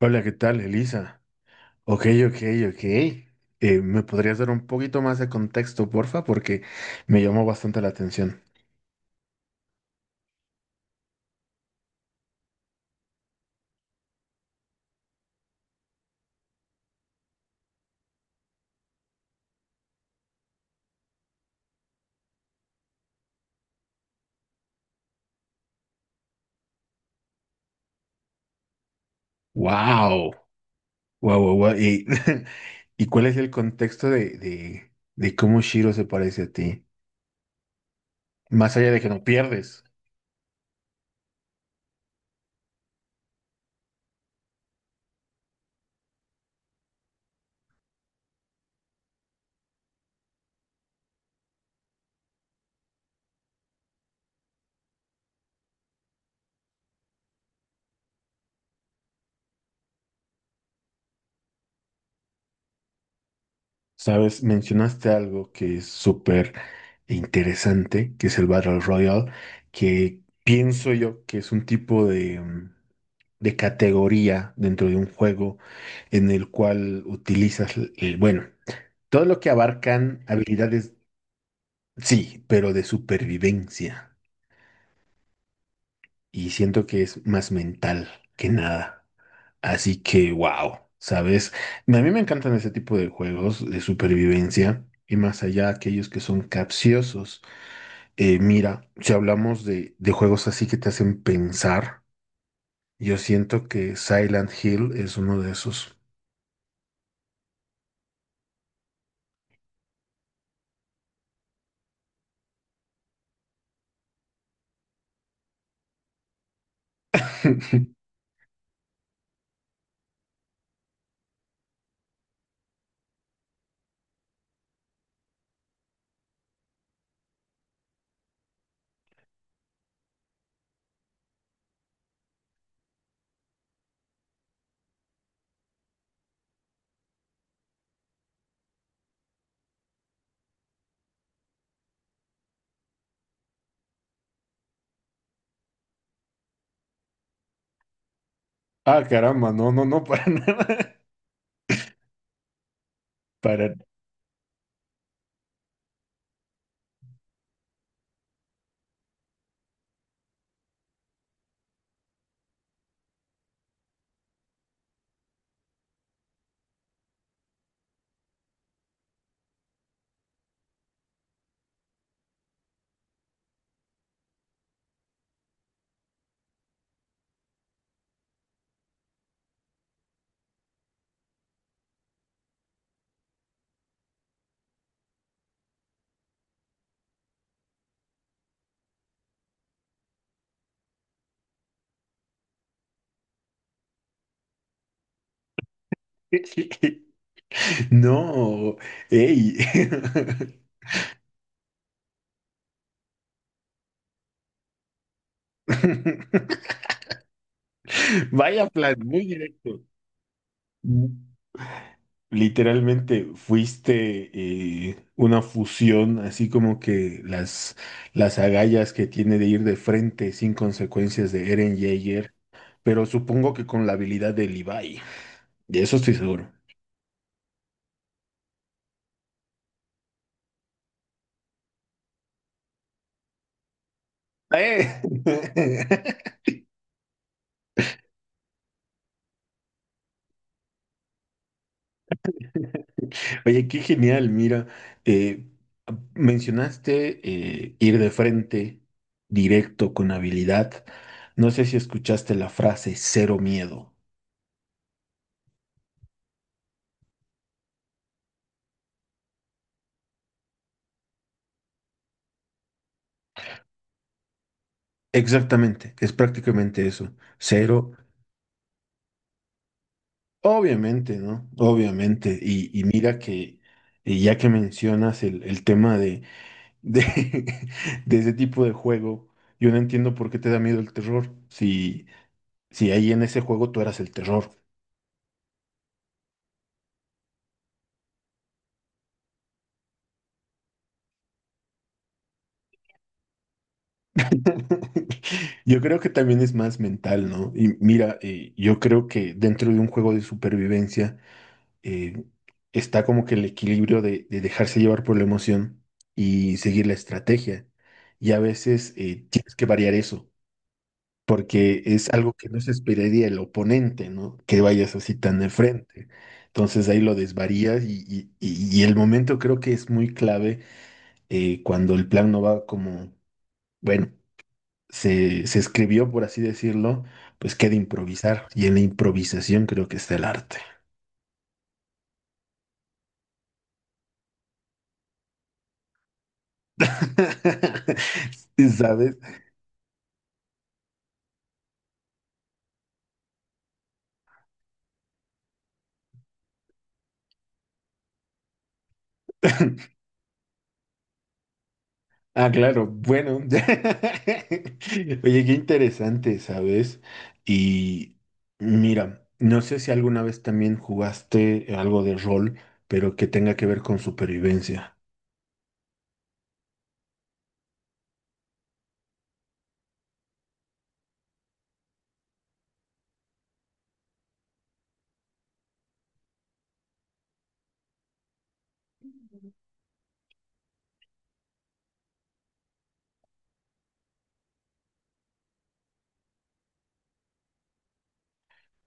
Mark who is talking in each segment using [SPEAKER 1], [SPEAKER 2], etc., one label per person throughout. [SPEAKER 1] Hola, ¿qué tal, Elisa? Ok, ok, ok. ¿Me podrías dar un poquito más de contexto, porfa? Porque me llamó bastante la atención. ¡Wow! ¡Wow, wow, wow! ¿Y, ¿y cuál es el contexto de, de cómo Shiro se parece a ti? Más allá de que no pierdes, ¿sabes? Mencionaste algo que es súper interesante, que es el Battle Royale, que pienso yo que es un tipo de... de categoría dentro de un juego en el cual utilizas, el, bueno, todo lo que abarcan habilidades, sí, pero de supervivencia. Y siento que es más mental que nada. Así que, wow, ¿sabes? A mí me encantan ese tipo de juegos de supervivencia. Y más allá, aquellos que son capciosos. Mira, si hablamos de juegos así que te hacen pensar, yo siento que Silent Hill es uno de esos. Ah, caramba, no, no, no, para nada. Para. No, ey. Vaya plan, muy directo. Literalmente fuiste una fusión, así como que las agallas que tiene de ir de frente sin consecuencias de Eren Jaeger, pero supongo que con la habilidad de Levi. De eso estoy seguro. ¡Eh! Oye, qué genial, mira, eh, mencionaste ir de frente, directo, con habilidad. No sé si escuchaste la frase cero miedo. Exactamente, es prácticamente eso, cero. Obviamente, ¿no? Obviamente. Y mira que ya que mencionas el tema de, de ese tipo de juego, yo no entiendo por qué te da miedo el terror, si, si ahí en ese juego tú eras el terror. Yo creo que también es más mental, ¿no? Y mira, yo creo que dentro de un juego de supervivencia eh, está como que el equilibrio de dejarse llevar por la emoción y seguir la estrategia. Y a veces tienes que variar eso, porque es algo que no se esperaría el oponente, ¿no? Que vayas así tan de frente. Entonces ahí lo desvarías y, y el momento creo que es muy clave cuando el plan no va como, bueno se escribió, por así decirlo, pues que de improvisar. Y en la improvisación creo que está el arte. Sí, ¿sabes? Ah, claro, bueno. Oye, qué interesante, ¿sabes? Y mira, no sé si alguna vez también jugaste algo de rol, pero que tenga que ver con supervivencia.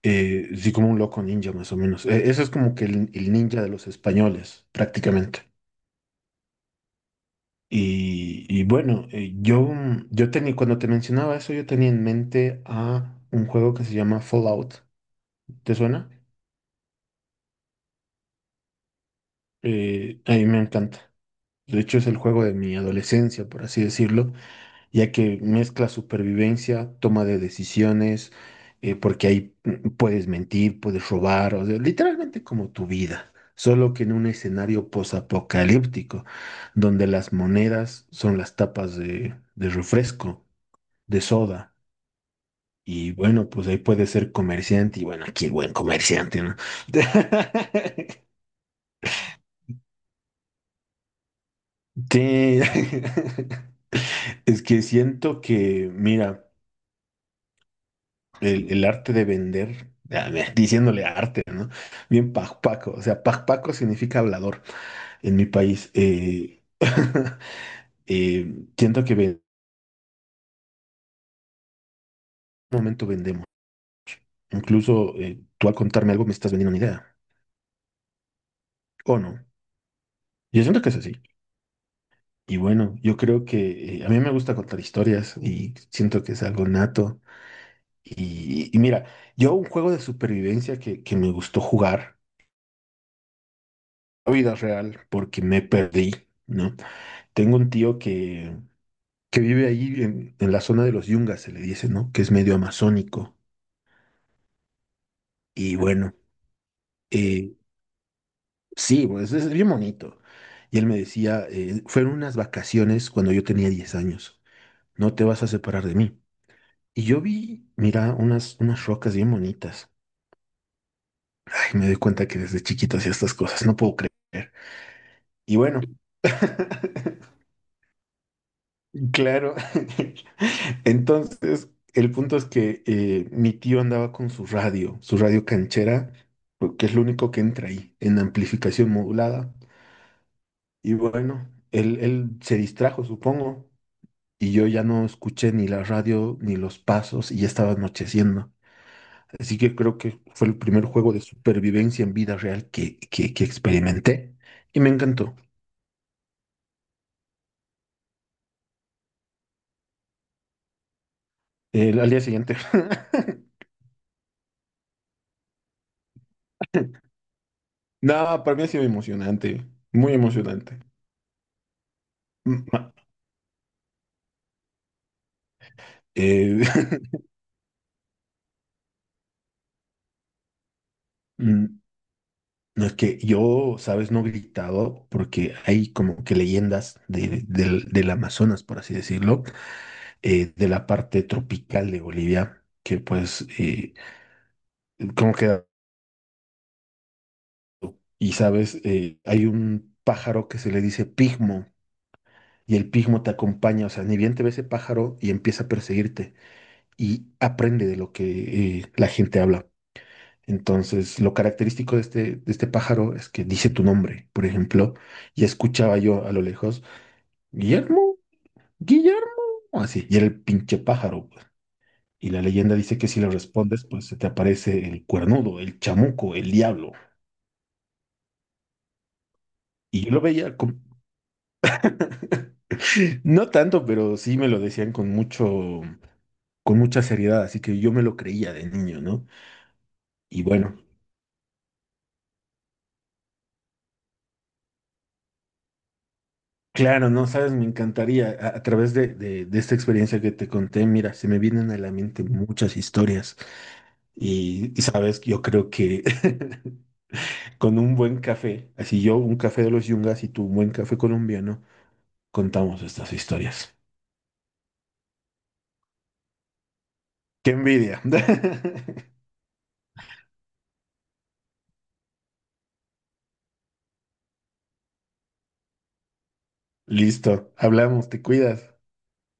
[SPEAKER 1] Sí, como un loco ninja, más o menos. Eso es como que el ninja de los españoles, prácticamente. Y bueno, yo, yo tenía, cuando te mencionaba eso, yo tenía en mente a un juego que se llama Fallout. ¿Te suena? A mí me encanta. De hecho, es el juego de mi adolescencia, por así decirlo, ya que mezcla supervivencia, toma de decisiones, porque ahí puedes mentir, puedes robar, o sea, literalmente como tu vida, solo que en un escenario posapocalíptico, donde las monedas son las tapas de refresco, de soda. Y bueno, pues ahí puede ser comerciante y bueno, aquí el buen comerciante, ¿no? Sí, es que siento que, mira, el arte de vender, ah, mira, diciéndole arte, ¿no? bien pajpaco, o sea, pajpaco significa hablador en mi país. Siento que en un momento vendemos. Incluso tú al contarme algo me estás vendiendo una idea, ¿o no? Yo siento que es así. Y bueno, yo creo que a mí me gusta contar historias y siento que es algo nato. Y mira, yo un juego de supervivencia que me gustó jugar, la vida real, porque me perdí, ¿no? Tengo un tío que vive ahí en la zona de los Yungas, se le dice, ¿no? Que es medio amazónico. Y bueno, eh, sí, pues es bien bonito. Y él me decía, fueron unas vacaciones cuando yo tenía 10 años, no te vas a separar de mí. Y yo vi, mira, unas, unas rocas bien bonitas. Ay, me doy cuenta que desde chiquito hacía estas cosas, no puedo creer. Y bueno, claro. Entonces, el punto es que mi tío andaba con su radio canchera, que es lo único que entra ahí, en amplificación modulada. Y bueno, él se distrajo, supongo, y yo ya no escuché ni la radio ni los pasos y ya estaba anocheciendo. Así que creo que fue el primer juego de supervivencia en vida real que, que experimenté y me encantó. El, al día siguiente. No, para mí ha sido emocionante, muy emocionante. Mm, ma- eh, mm, no es que yo, sabes, no he gritado porque hay como que leyendas del, del Amazonas, por así decirlo, de la parte tropical de Bolivia, que pues, como que, y sabes, hay un pájaro que se le dice pigmo y el pigmo te acompaña, o sea, ni bien te ve ese pájaro y empieza a perseguirte. Y aprende de lo que la gente habla. Entonces, lo característico de este pájaro es que dice tu nombre, por ejemplo, y escuchaba yo a lo lejos, Guillermo, Guillermo, así, y era el pinche pájaro, pues. Y la leyenda dice que si le respondes, pues se te aparece el cuernudo, el chamuco, el diablo. Y yo lo veía con... No tanto, pero sí me lo decían con mucho, con mucha seriedad, así que yo me lo creía de niño, ¿no? Y bueno, claro, no sabes, me encantaría. A través de, de esta experiencia que te conté, mira, se me vienen a la mente muchas historias. Y sabes, yo creo que con un buen café, así yo, un café de los Yungas y tú, un buen café colombiano, contamos estas historias. ¡Qué envidia! Listo, hablamos, te cuidas.